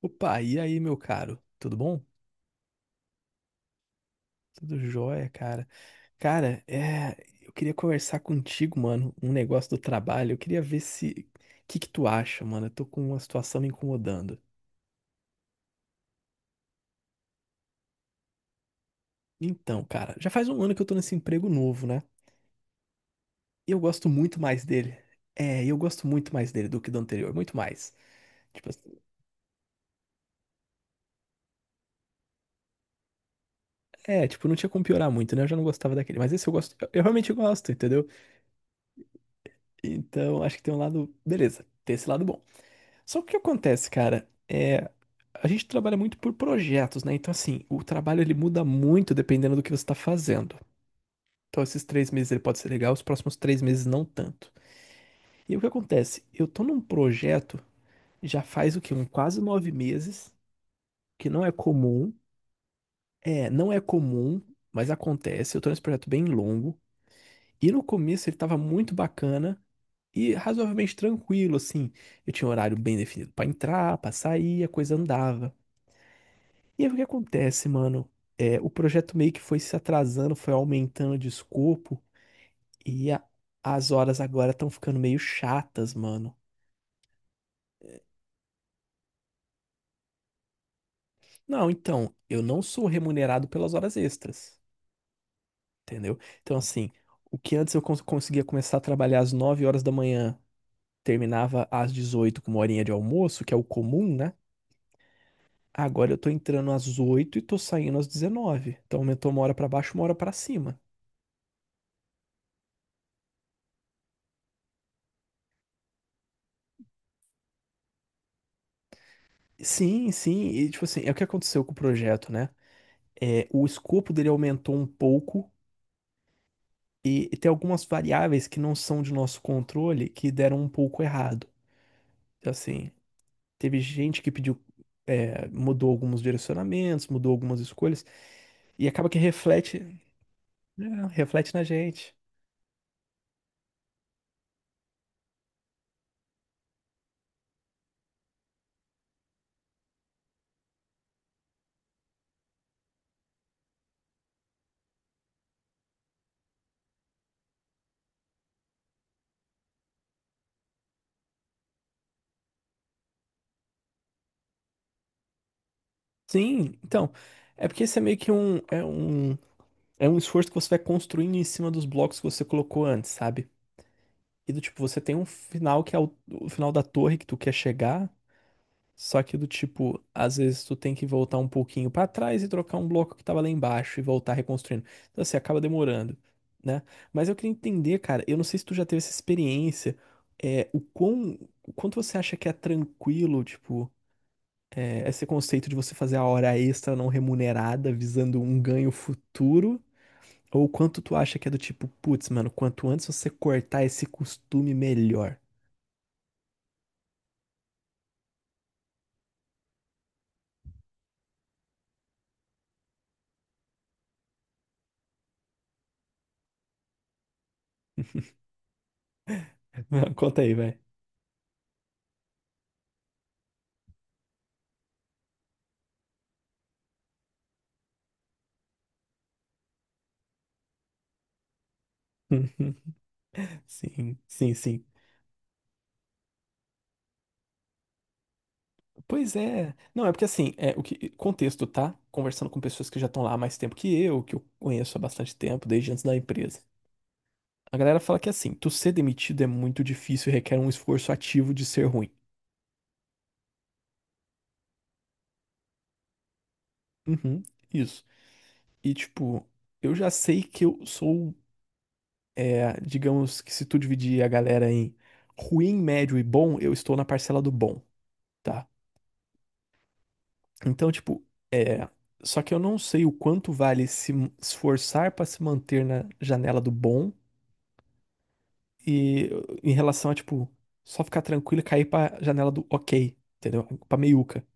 Opa, e aí, meu caro? Tudo bom? Tudo jóia, cara. Cara, eu queria conversar contigo, mano, um negócio do trabalho. Eu queria ver se, o que que tu acha, mano? Eu tô com uma situação me incomodando. Então, cara, já faz um ano que eu tô nesse emprego novo, né? E eu gosto muito mais dele. É, eu gosto muito mais dele do que do anterior, muito mais. Tipo, assim, tipo, não tinha como piorar muito, né? Eu já não gostava daquele, mas esse eu gosto, eu realmente gosto, entendeu? Então, acho que tem um lado, beleza, tem esse lado bom. Só que o que acontece, cara, é a gente trabalha muito por projetos, né? Então, assim, o trabalho ele muda muito dependendo do que você está fazendo. Então, esses 3 meses ele pode ser legal, os próximos 3 meses não tanto. E o que acontece? Eu tô num projeto já faz o quê? Quase 9 meses, que não é comum. É, não é comum, mas acontece. Eu tô nesse projeto bem longo. E no começo ele tava muito bacana e razoavelmente tranquilo, assim. Eu tinha um horário bem definido para entrar, para sair, a coisa andava. E aí o que acontece, mano? É, o projeto meio que foi se atrasando, foi aumentando de escopo e as horas agora estão ficando meio chatas, mano. Não, então, eu não sou remunerado pelas horas extras, entendeu? Então, assim, o que antes eu conseguia começar a trabalhar às 9 horas da manhã, terminava às 18h com uma horinha de almoço, que é o comum, né? Agora eu tô entrando às 8h e tô saindo às 19h. Então aumentou uma hora pra baixo, uma hora pra cima. Sim, sim, e tipo assim, é o que aconteceu com o projeto, né? O escopo dele aumentou um pouco e tem algumas variáveis que não são de nosso controle que deram um pouco errado. Então, assim, teve gente que pediu, mudou alguns direcionamentos, mudou algumas escolhas e acaba que é, reflete na gente. Sim, então, é porque isso é meio que um, é um, é um esforço que você vai construindo em cima dos blocos que você colocou antes, sabe? E do tipo, você tem um final que é o final da torre que tu quer chegar, só que do tipo, às vezes tu tem que voltar um pouquinho pra trás e trocar um bloco que tava lá embaixo e voltar reconstruindo. Então assim, acaba demorando, né? Mas eu queria entender, cara, eu não sei se tu já teve essa experiência, é, o quão, o quanto você acha que é tranquilo, tipo, esse conceito de você fazer a hora extra não remunerada visando um ganho futuro, ou o quanto tu acha que é do tipo, putz, mano, quanto antes você cortar esse costume, melhor. Conta aí, vai. Uhum. Sim, sim, sim. Pois é. Não, é porque assim, é o que contexto, tá? Conversando com pessoas que já estão lá há mais tempo que eu conheço há bastante tempo, desde antes da empresa. A galera fala que assim, tu ser demitido é muito difícil e requer um esforço ativo de ser ruim. Uhum, isso. E tipo, eu já sei que eu sou, digamos que se tu dividir a galera em ruim, médio e bom, eu estou na parcela do bom, tá? Então, tipo, é. Só que eu não sei o quanto vale se esforçar pra se manter na janela do bom e em relação a, tipo, só ficar tranquilo e cair pra janela do ok, entendeu? Pra meiuca.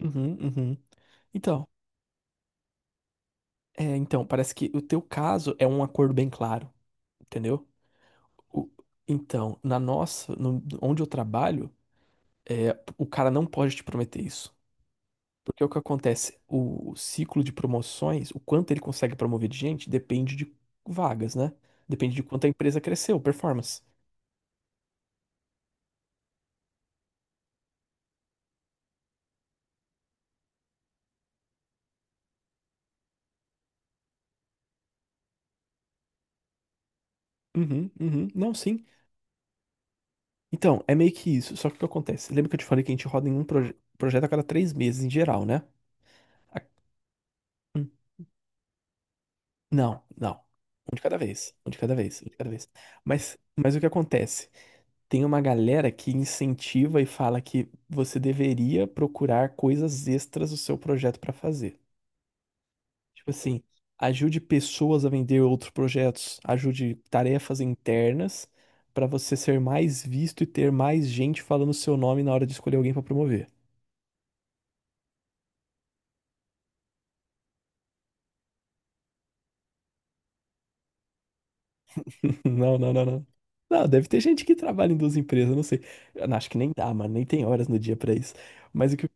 Uhum, uhum. Então, então, parece que o teu caso é um acordo bem claro, entendeu? O- então, na nossa, onde eu trabalho, é, o cara não pode te prometer isso. Porque o que acontece? O ciclo de promoções, o quanto ele consegue promover de gente, depende de vagas, né? Depende de quanto a empresa cresceu, performance. Uhum, uhum. Não, sim. Então, é meio que isso. Só que o que acontece? Lembra que eu te falei que a gente roda em um projeto a cada 3 meses em geral, né? A- Hum, não, não. Um de cada vez. Um de cada vez. Um de cada vez. Mas o que acontece? Tem uma galera que incentiva e fala que você deveria procurar coisas extras do seu projeto para fazer. Tipo assim, ajude pessoas a vender outros projetos, ajude tarefas internas para você ser mais visto e ter mais gente falando o seu nome na hora de escolher alguém para promover. Não, não, não, não. Não, deve ter gente que trabalha em duas empresas, não sei. Eu não, acho que nem dá, mano, nem tem horas no dia para isso. Mas o que eu...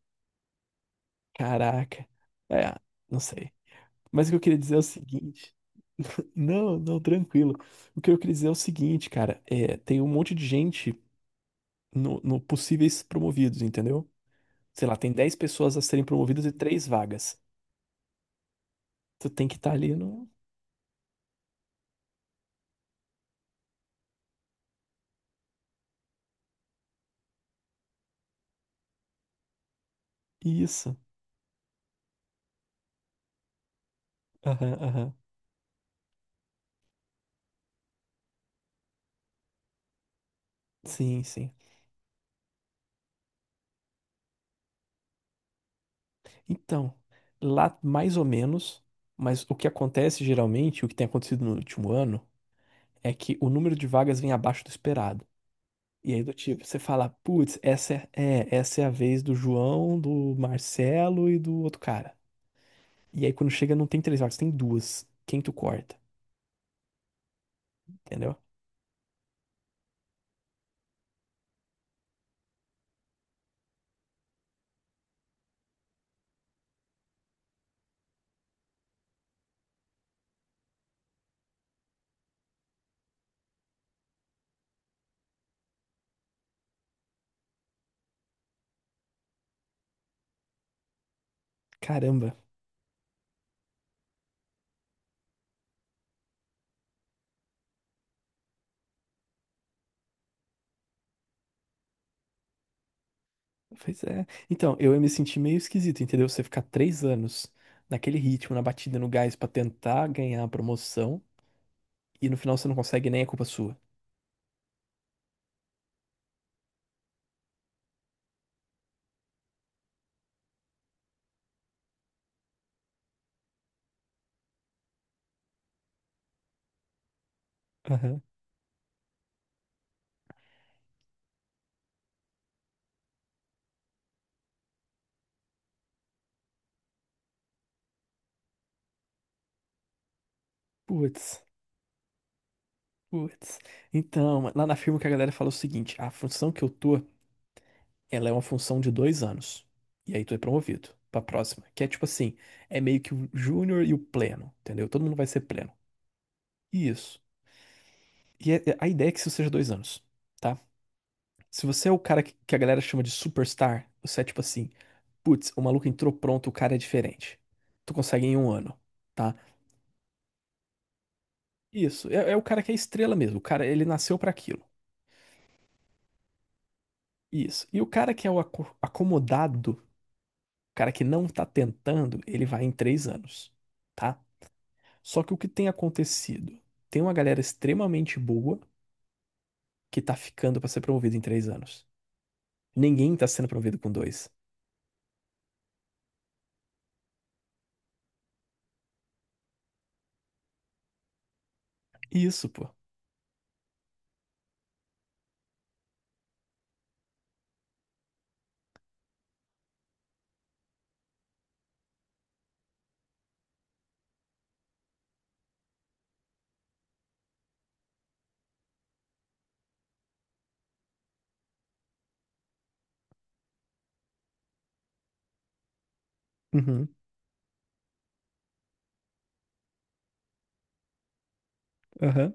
Caraca. É, não sei. Mas o que eu queria dizer é o seguinte. Não, não, tranquilo. O que eu queria dizer é o seguinte, cara, é, tem um monte de gente no possíveis promovidos, entendeu? Sei lá, tem 10 pessoas a serem promovidas e três vagas. Tu tem que estar ali no. Isso. Aham, aham. Sim, sim. Então, lá mais ou menos, mas o que acontece geralmente, o que tem acontecido no último ano, é que o número de vagas vem abaixo do esperado. E aí do tipo, você fala, putz, essa é a vez do João, do Marcelo e do outro cara. E aí quando chega não tem três vagas, tem duas. Quem tu corta? Entendeu? Caramba. Pois é. Então, eu ia me sentir meio esquisito, entendeu? Você ficar 3 anos naquele ritmo, na batida, no gás pra tentar ganhar a promoção e no final você não consegue nem é culpa sua. Aham. Putz, putz. Então, lá na firma o que a galera fala é o seguinte: a função que eu tô, ela é uma função de 2 anos. E aí tu é promovido pra próxima. Que é tipo assim: é meio que o júnior e o pleno, entendeu? Todo mundo vai ser pleno. Isso. E a ideia é que isso seja 2 anos, tá? Se você é o cara que a galera chama de superstar, você é tipo assim, putz, o maluco entrou pronto, o cara é diferente. Tu consegue em um ano, tá? Isso, é o cara que é estrela mesmo, o cara, ele nasceu pra aquilo. Isso. E o cara que é o acomodado, o cara que não tá tentando, ele vai em 3 anos, tá? Só que o que tem acontecido? Tem uma galera extremamente boa que tá ficando pra ser promovida em 3 anos. Ninguém tá sendo promovido com dois. Isso, pô. Uhum, aham,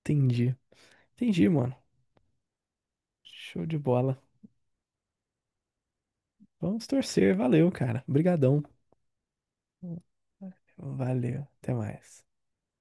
entendi. Entendi, mano. Show de bola. Vamos torcer. Valeu, cara. Obrigadão. Valeu. Até mais.